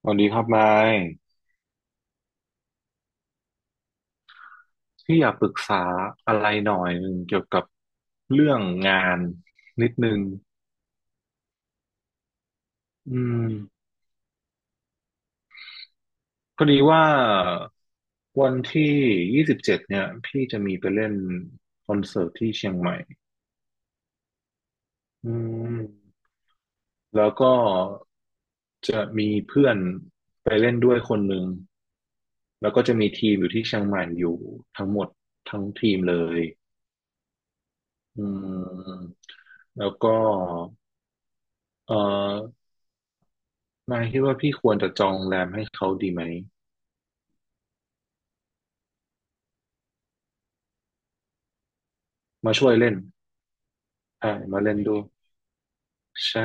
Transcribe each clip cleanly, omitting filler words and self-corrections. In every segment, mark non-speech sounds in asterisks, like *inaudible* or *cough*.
สวัสดีครับนายพี่อยากปรึกษาอะไรหน่อยหนึ่งเกี่ยวกับเรื่องงานนิดนึงอืมพอดีว่าวันที่27เนี่ยพี่จะมีไปเล่นคอนเสิร์ตที่เชียงใหม่อืมแล้วก็จะมีเพื่อนไปเล่นด้วยคนหนึ่งแล้วก็จะมีทีมอยู่ที่เชียงใหม่อยู่ทั้งหมดทั้งทีมเลยอืมแล้วก็เอ่อ นายคิดว่าพี่ควรจะจองโรงแรมให้เขาดีไหมมาช่วยเล่นใช่มาเล่นด้วยใช่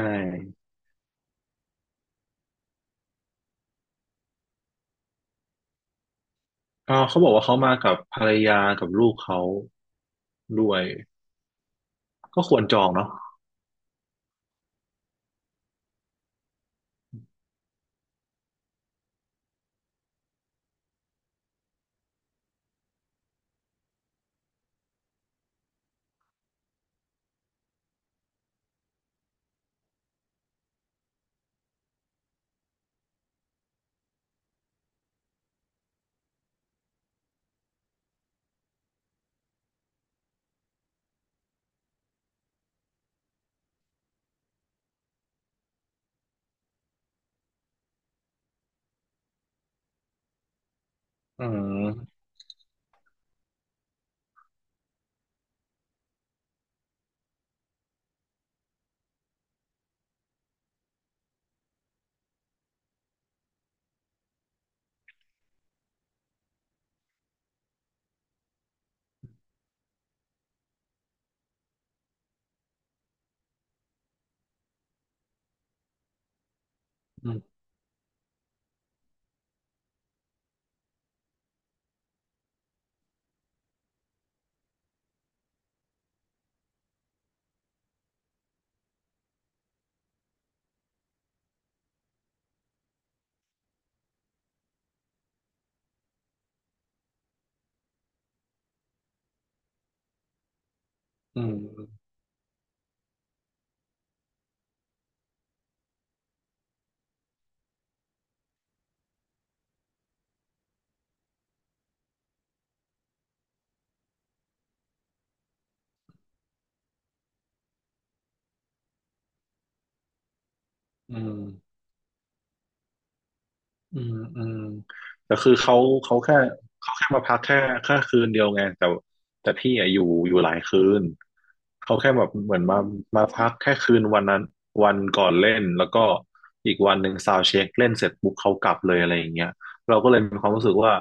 อ่าเขาบอกว่าเขามากับภรรยากับลูกเขาด้วยก็ควรจองเนาะอืมอืมอืมอืม อืมอืมแต่คือเขาแค่เขาแค่มาพักแค่คืนเดียวไงแต่พี่อะอยู่หลายคืนเขาแค่แบบเหมือนมาพักแค่คืนวันนั้นวันก่อนเล่นแล้วก็อีกวันหนึ่งซาวด์เช็คเล่นเสร็จปุ๊บเขากลับเลยอะไรอย่างเงี้ยเราก็เลยมีความรู้สึกว่า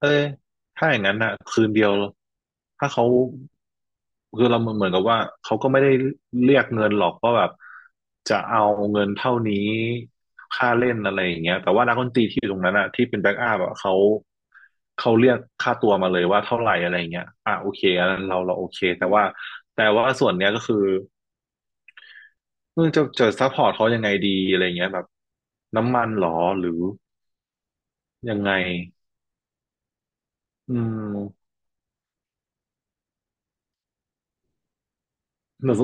เอ้ย ถ้าอย่างนั้นอะคืนเดียวถ้าเขาคือเราเหมือนกับว่าเขาก็ไม่ได้เรียกเงินหรอกว่าแบบจะเอาเงินเท่านี้ค่าเล่นอะไรอย่างเงี้ยแต่ว่านักดนตรีที่อยู่ตรงนั้นอะที่เป็นแบ็กอัพอะเขาเรียกค่าตัวมาเลยว่าเท่าไหร่อะไรเงี้ยอ่ะโอเคอันนั้นเราโอเคแต่ว่าส่วนเนี้ยก็คือเออจะซัพพอร์ตเขายังไงดีอะไรเงี้ยแบบน้ำมันหรอหรือยังไงอืมเหมือ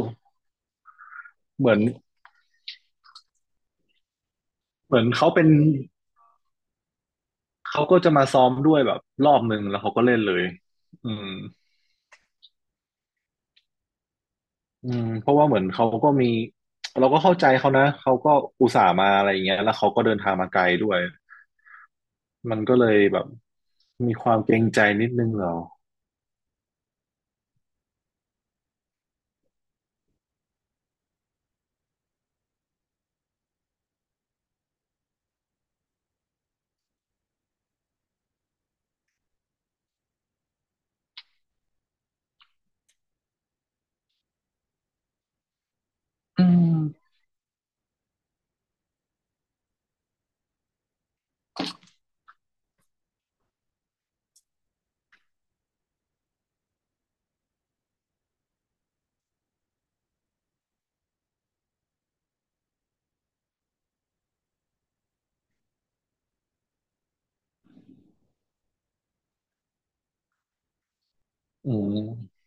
นเหมือนเขาเป็น เขาก็จะมาซ้อมด้วยแบบรอบหนึ่งแล้วเขาก็เล่นเลยอืมอืมเพราะว่าเหมือนเขาก็มีเราก็เข้าใจเขานะ เขาก็อุตส่าห์มาอะไรอย่างเงี้ยแล้วเขาก็เดินทางมาไกลด้วยมันก็เลยแบบมีความเกรงใจนิดนึงเหรออืม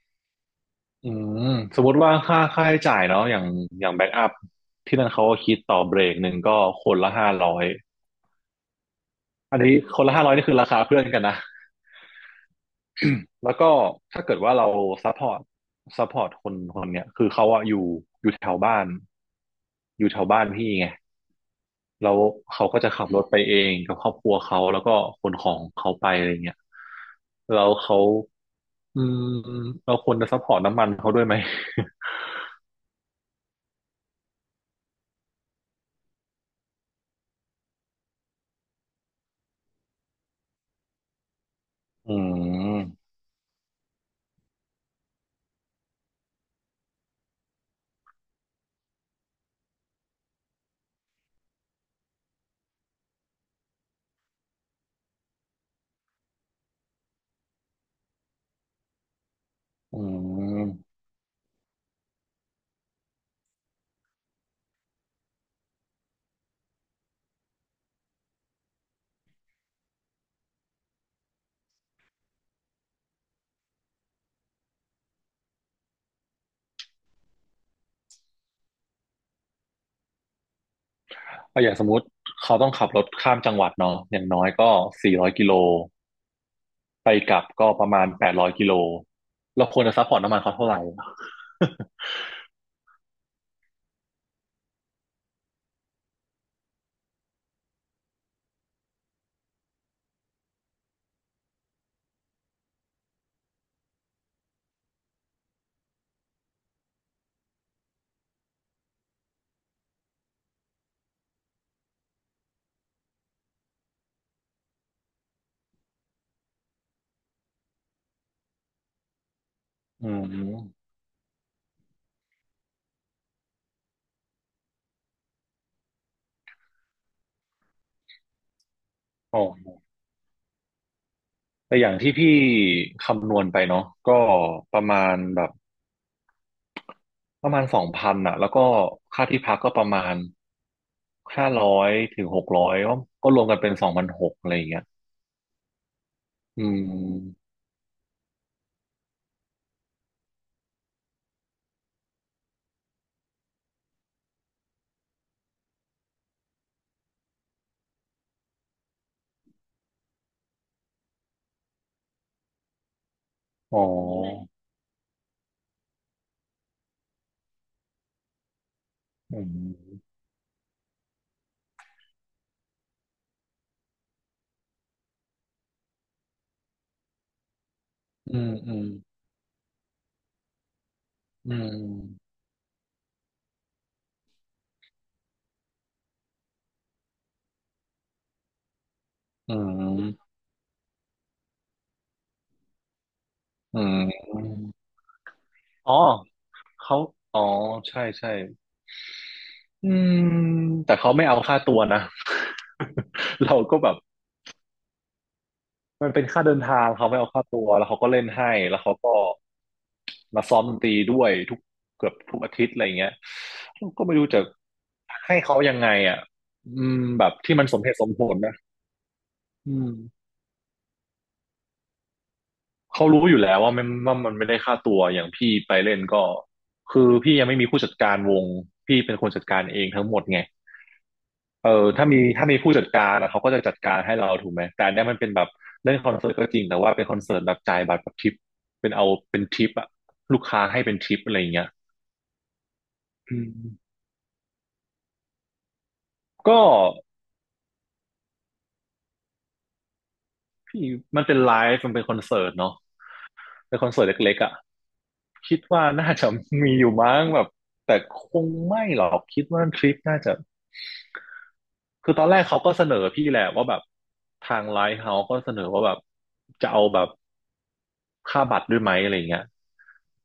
อืมสมมติว่าค่าใช้จ่ายเนาะอย่างแบ็กอัพที่นั่นเขาก็คิดต่อเบรกหนึ่งก็คนละห้าร้อยอันนี้คนละห้าร้อยนี่คือราคาเพื่อนกันนะ แล้วก็ถ้าเกิดว่าเราซัพพอร์ตซัพพอร์ตคนคนเนี้ยคือเขาอะอยู่แถวบ้านอยู่แถวบ้านพี่ไงแล้วเขาก็จะขับรถไปเองกับครอบครัวเขาแล้วก็ขนของเขาไปอะไรเงี้ยแล้วเขาอืมเราควรจะซัพพอร์ตน้ำมันเขาด้วยไหม *laughs* อืมอืมก็อย่างสมมติเขาต้องขับรถข้ามจังหวัดเนาะอย่างน้อยก็400กิโล ไปกลับก็ประมาณ800กิโลเราควรจะซัพพอร์ตน้ำมันเขาเท่าไหร่ *laughs* อืมอ๋อแต่อย่างที่พี่คำนวณไปเนาะก็ประมาณแบบประมาณสองพันอะแล้วก็ค่าที่พักก็ประมาณห้าร้อยถึง600ก็รวมกันเป็น2,600อะไรอย่างเงี้ยอืม อ๋ออืมอืมอืมอืมอืมอืมอ๋อ เขา อ๋อ ใช่ใช่ อืมแต่เขาไม่เอาค่าตัวนะ *laughs* เราก็แบบมันเป็นค่าเดินทางเขาไม่เอาค่าตัวแล้วเขาก็เล่นให้แล้วเขาก็มาซ้อมดนตรีด้วยทุกเกือบทุกอาทิตย์อะไรเงี้ยเราก็ไม่รู้จะให้เขายังไงอ่ะอืมแบบที่มันสมเหตุสมผลนะอืมเขารู้อยู่แล้วว่ามันไม่ได้ค่าตัวอย่างพี่ไปเล่นก็คือพี่ยังไม่มีผู้จัดการวงพี่เป็นคนจัดการเองทั้งหมดไง เออถ้ามีผู้จัดการอะเขาก็จะจัดการให้เราถูกไหมแต่อันเนี้ยมันเป็นแบบเล่นคอนเสิร์ตก็จริงแต่ว่าเป็นคอนเสิร์ตแบบจ่ายบัตรแบบทิปเป็นเอาเป็นทิปอะลูกค้าให้เป็นทิปอะไรอย่างเงี้ยอืมก็พี่มันเป็นไลฟ์มันเป็นคอนเสิร์ตเนาะเป็นคอนเสิร์ตเล็กๆอะคิดว่าน่าจะมีอยู่มั้งแบบแต่คงไม่หรอกคิดว่าทริปน่าจะคือตอนแรกเขาก็เสนอพี่แหละว่าแบบทางไลฟ์เฮาส์ก็เสนอว่าแบบจะเอาแบบ ค่าบัตรด้วยไหมอะไรเงี้ย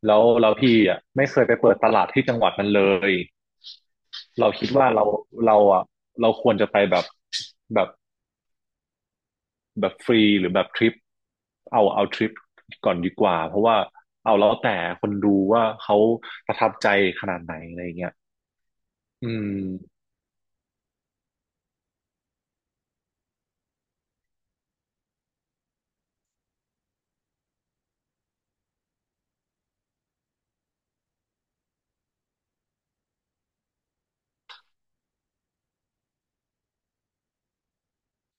แล้วเราพี่อ่ะไม่เคยไปเปิดตลาดที่จังหวัดนั้นเลย เราคิดว่าเราอ่ะเราควรจะไปแบบแบบฟรีหรือแบบทริปเอาทริปก่อนดีกว่าเพราะว่าเอาแล้วแต่คนดูว่าเขาประทับใจขนาดไหนอะไรเงี้ยอืม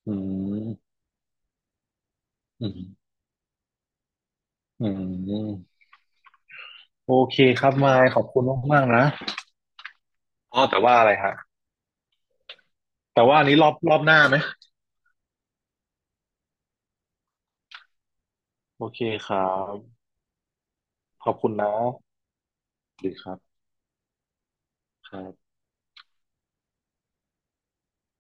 อืมอืมอืมโอเคครับมายขอบคุณมากๆนะอ๋อแต่ว่าอะไรฮะแต่ว่าอันนี้รอบหน้าไหมโอเคครับขอบคุณนะ ดีครับครับ